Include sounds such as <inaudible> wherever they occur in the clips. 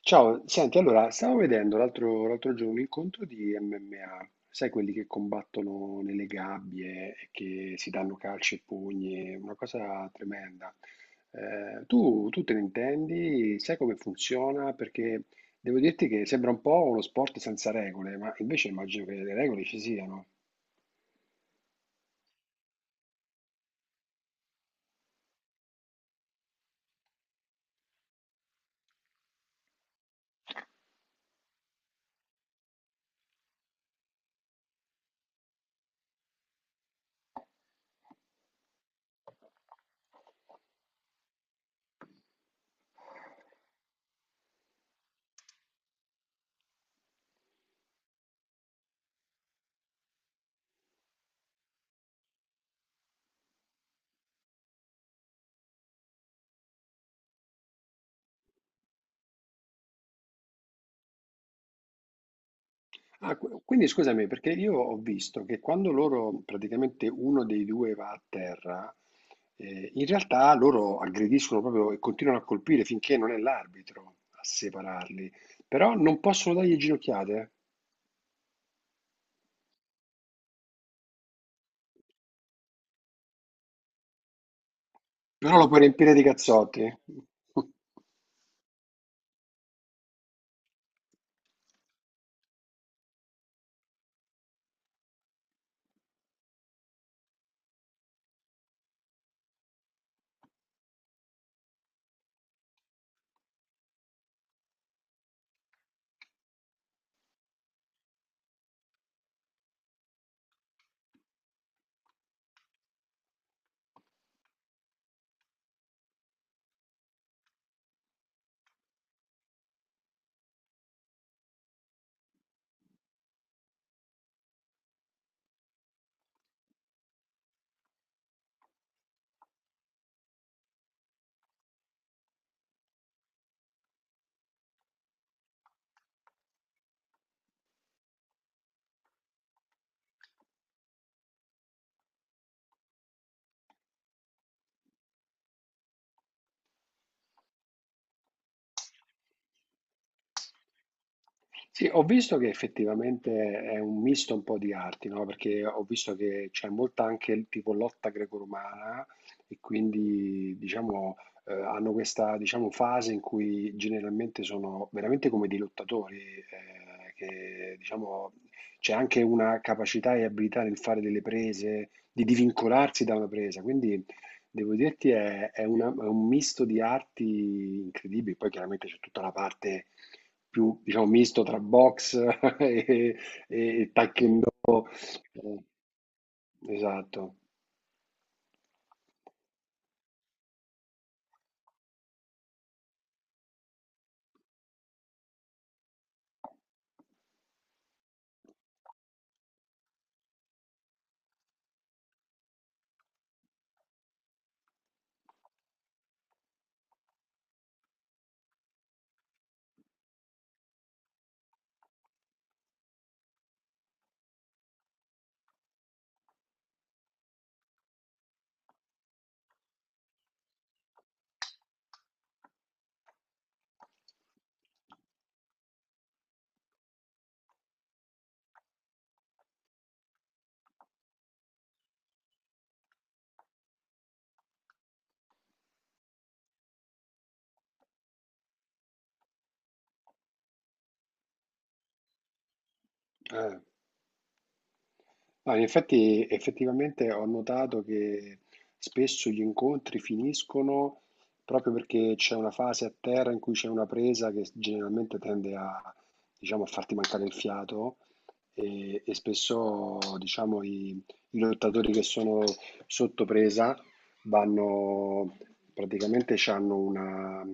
Ciao, senti, allora, stavo vedendo l'altro giorno un incontro di MMA, sai quelli che combattono nelle gabbie e che si danno calci e pugni, una cosa tremenda. Tu te ne intendi? Sai come funziona? Perché devo dirti che sembra un po' uno sport senza regole, ma invece immagino che le regole ci siano. Ah, quindi scusami, perché io ho visto che quando loro, praticamente uno dei due va a terra, in realtà loro aggrediscono proprio e continuano a colpire finché non è l'arbitro a separarli, però non possono dargli ginocchiate, eh? Però lo puoi riempire di cazzotti. <laughs> Sì, ho visto che effettivamente è un misto un po' di arti, no? Perché ho visto che c'è molta anche il tipo lotta greco-romana e quindi diciamo hanno questa diciamo, fase in cui generalmente sono veramente come dei lottatori, che diciamo c'è anche una capacità e abilità nel fare delle prese, di divincolarsi da una presa. Quindi devo dirti è una- è un misto di arti incredibili, poi chiaramente c'è tutta la parte più, diciamo, misto tra box <laughs> e, e taekwondo. Eh, Esatto. Eh. No, in effetti, effettivamente ho notato che spesso gli incontri finiscono proprio perché c'è una fase a terra in cui c'è una presa che generalmente tende a, diciamo, a farti mancare il fiato e spesso, diciamo, i lottatori che sono sotto presa vanno, praticamente hanno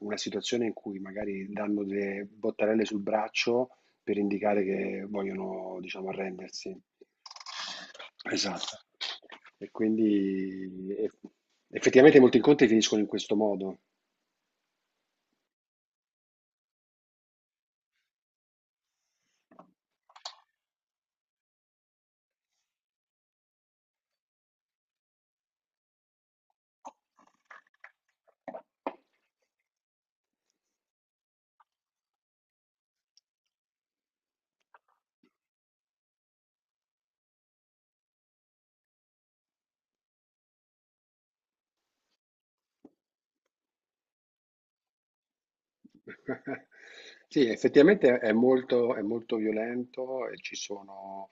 una situazione in cui magari danno delle bottarelle sul braccio per indicare che vogliono, diciamo, arrendersi. Esatto. E quindi effettivamente molti incontri finiscono in questo modo. <laughs> Sì, effettivamente è molto violento e ci sono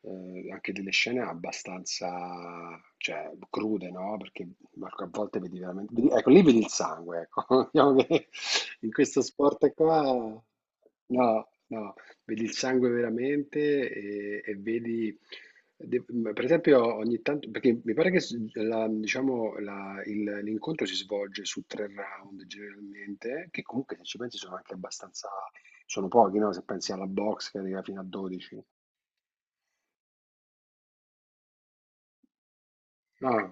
anche delle scene abbastanza, cioè, crude, no? Perché Marco, a volte vedi veramente... vedi- ecco, lì vedi il sangue, ecco. <laughs> Diciamo che in questo sport qua... No, no. Vedi il sangue veramente e vedi, de- per esempio, ogni tanto, perché mi pare che s- la- diciamo, la- il- l'incontro si svolge su tre round generalmente, che comunque se ci pensi sono anche abbastanza, sono pochi, no? Se pensi alla box che arriva fino a 12. Ah,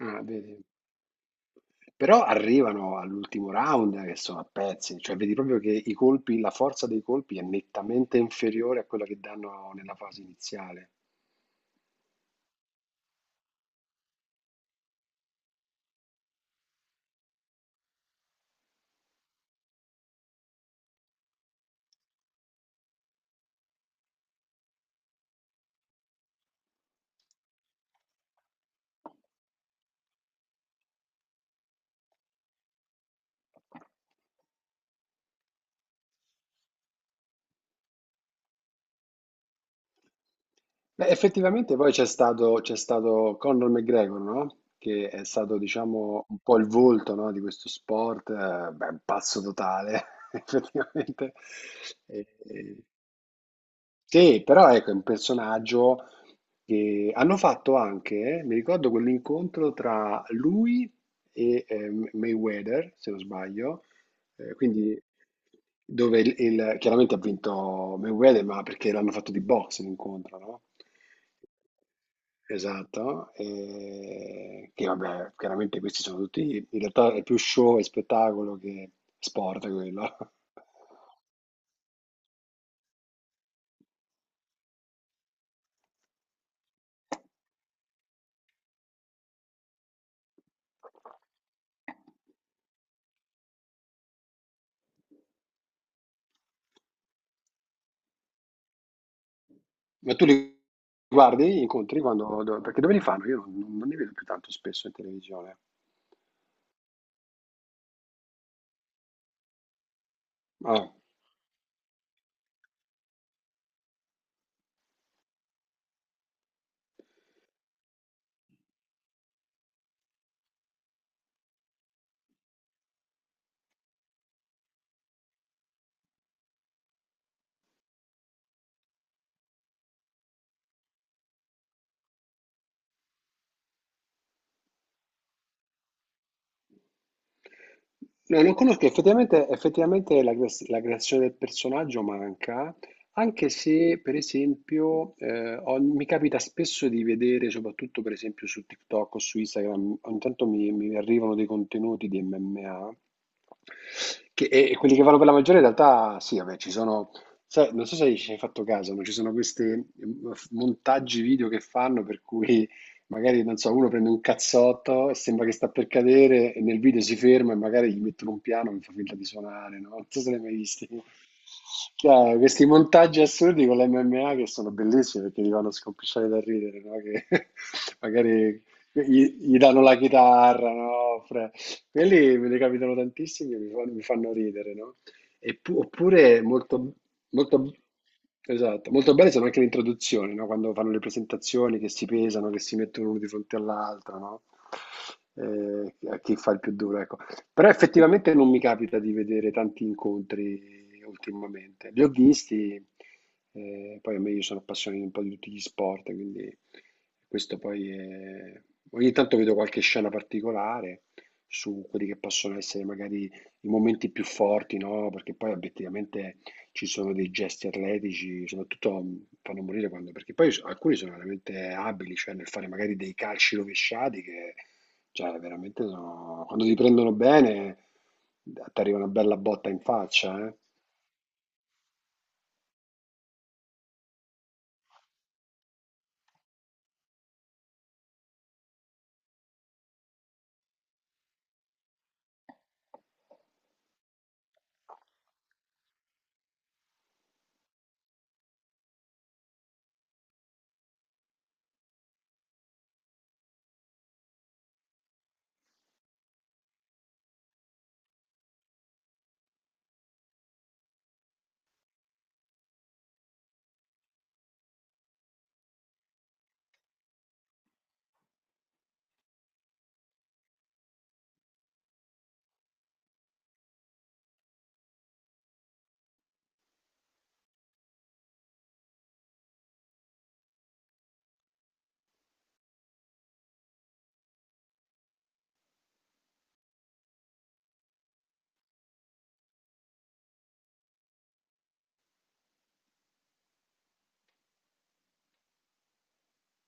ah, vedi. Però arrivano all'ultimo round che sono a pezzi, cioè vedi proprio che i colpi, la forza dei colpi è nettamente inferiore a quella che danno nella fase iniziale. Beh, effettivamente poi c'è stato Conor McGregor, no? Che è stato, diciamo, un po' il volto, no, di questo sport, beh, un pazzo totale, <laughs> effettivamente. E- e- sì, però ecco, è un personaggio che hanno fatto anche, mi ricordo quell'incontro tra lui e Mayweather, se non sbaglio, quindi dove chiaramente ha vinto Mayweather, ma perché l'hanno fatto di boxe l'incontro, no? Esatto, e che vabbè, chiaramente questi sono tutti, in realtà è più show e spettacolo che sport quello. <laughs> Ma tu li guardi gli incontri quando do perché dove li fanno? Io non li vedo più tanto spesso in televisione. Ah. No, non conosco, effettivamente, effettivamente la, la creazione del personaggio manca, anche se per esempio mi capita spesso di vedere, soprattutto per esempio su TikTok o su Instagram, ogni tanto mi arrivano dei contenuti di MMA, che, e quelli che vanno per la maggiore in realtà sì, vabbè, ci sono, sai, non so se ci hai fatto caso, ma ci sono questi montaggi video che fanno per cui magari non so, uno prende un cazzotto e sembra che sta per cadere e nel video si ferma e magari gli mettono un piano e mi fa finta di suonare, no? Non so se ne hai mai visti. Chiaro, questi montaggi assurdi con l'MMA che sono bellissimi perché ti fanno scompisciare da ridere, no? Che <laughs> magari gli danno la chitarra, no? Quelli me ne capitano tantissimi e mi fanno ridere, no? Oppure molto, molto, esatto, molto belle sono anche le introduzioni, no? Quando fanno le presentazioni che si pesano, che si mettono uno di fronte all'altro, no? A chi fa il più duro, ecco. Però effettivamente non mi capita di vedere tanti incontri ultimamente. Li ho visti, poi a me io sono appassionato un po' di tutti gli sport, quindi questo poi è... Ogni tanto vedo qualche scena particolare su quelli che possono essere magari i momenti più forti, no, perché poi obiettivamente ci sono dei gesti atletici, soprattutto fanno morire quando, perché poi s- alcuni sono veramente abili, cioè nel fare magari dei calci rovesciati che, cioè, veramente sono, quando ti prendono bene, ti arriva una bella botta in faccia, eh.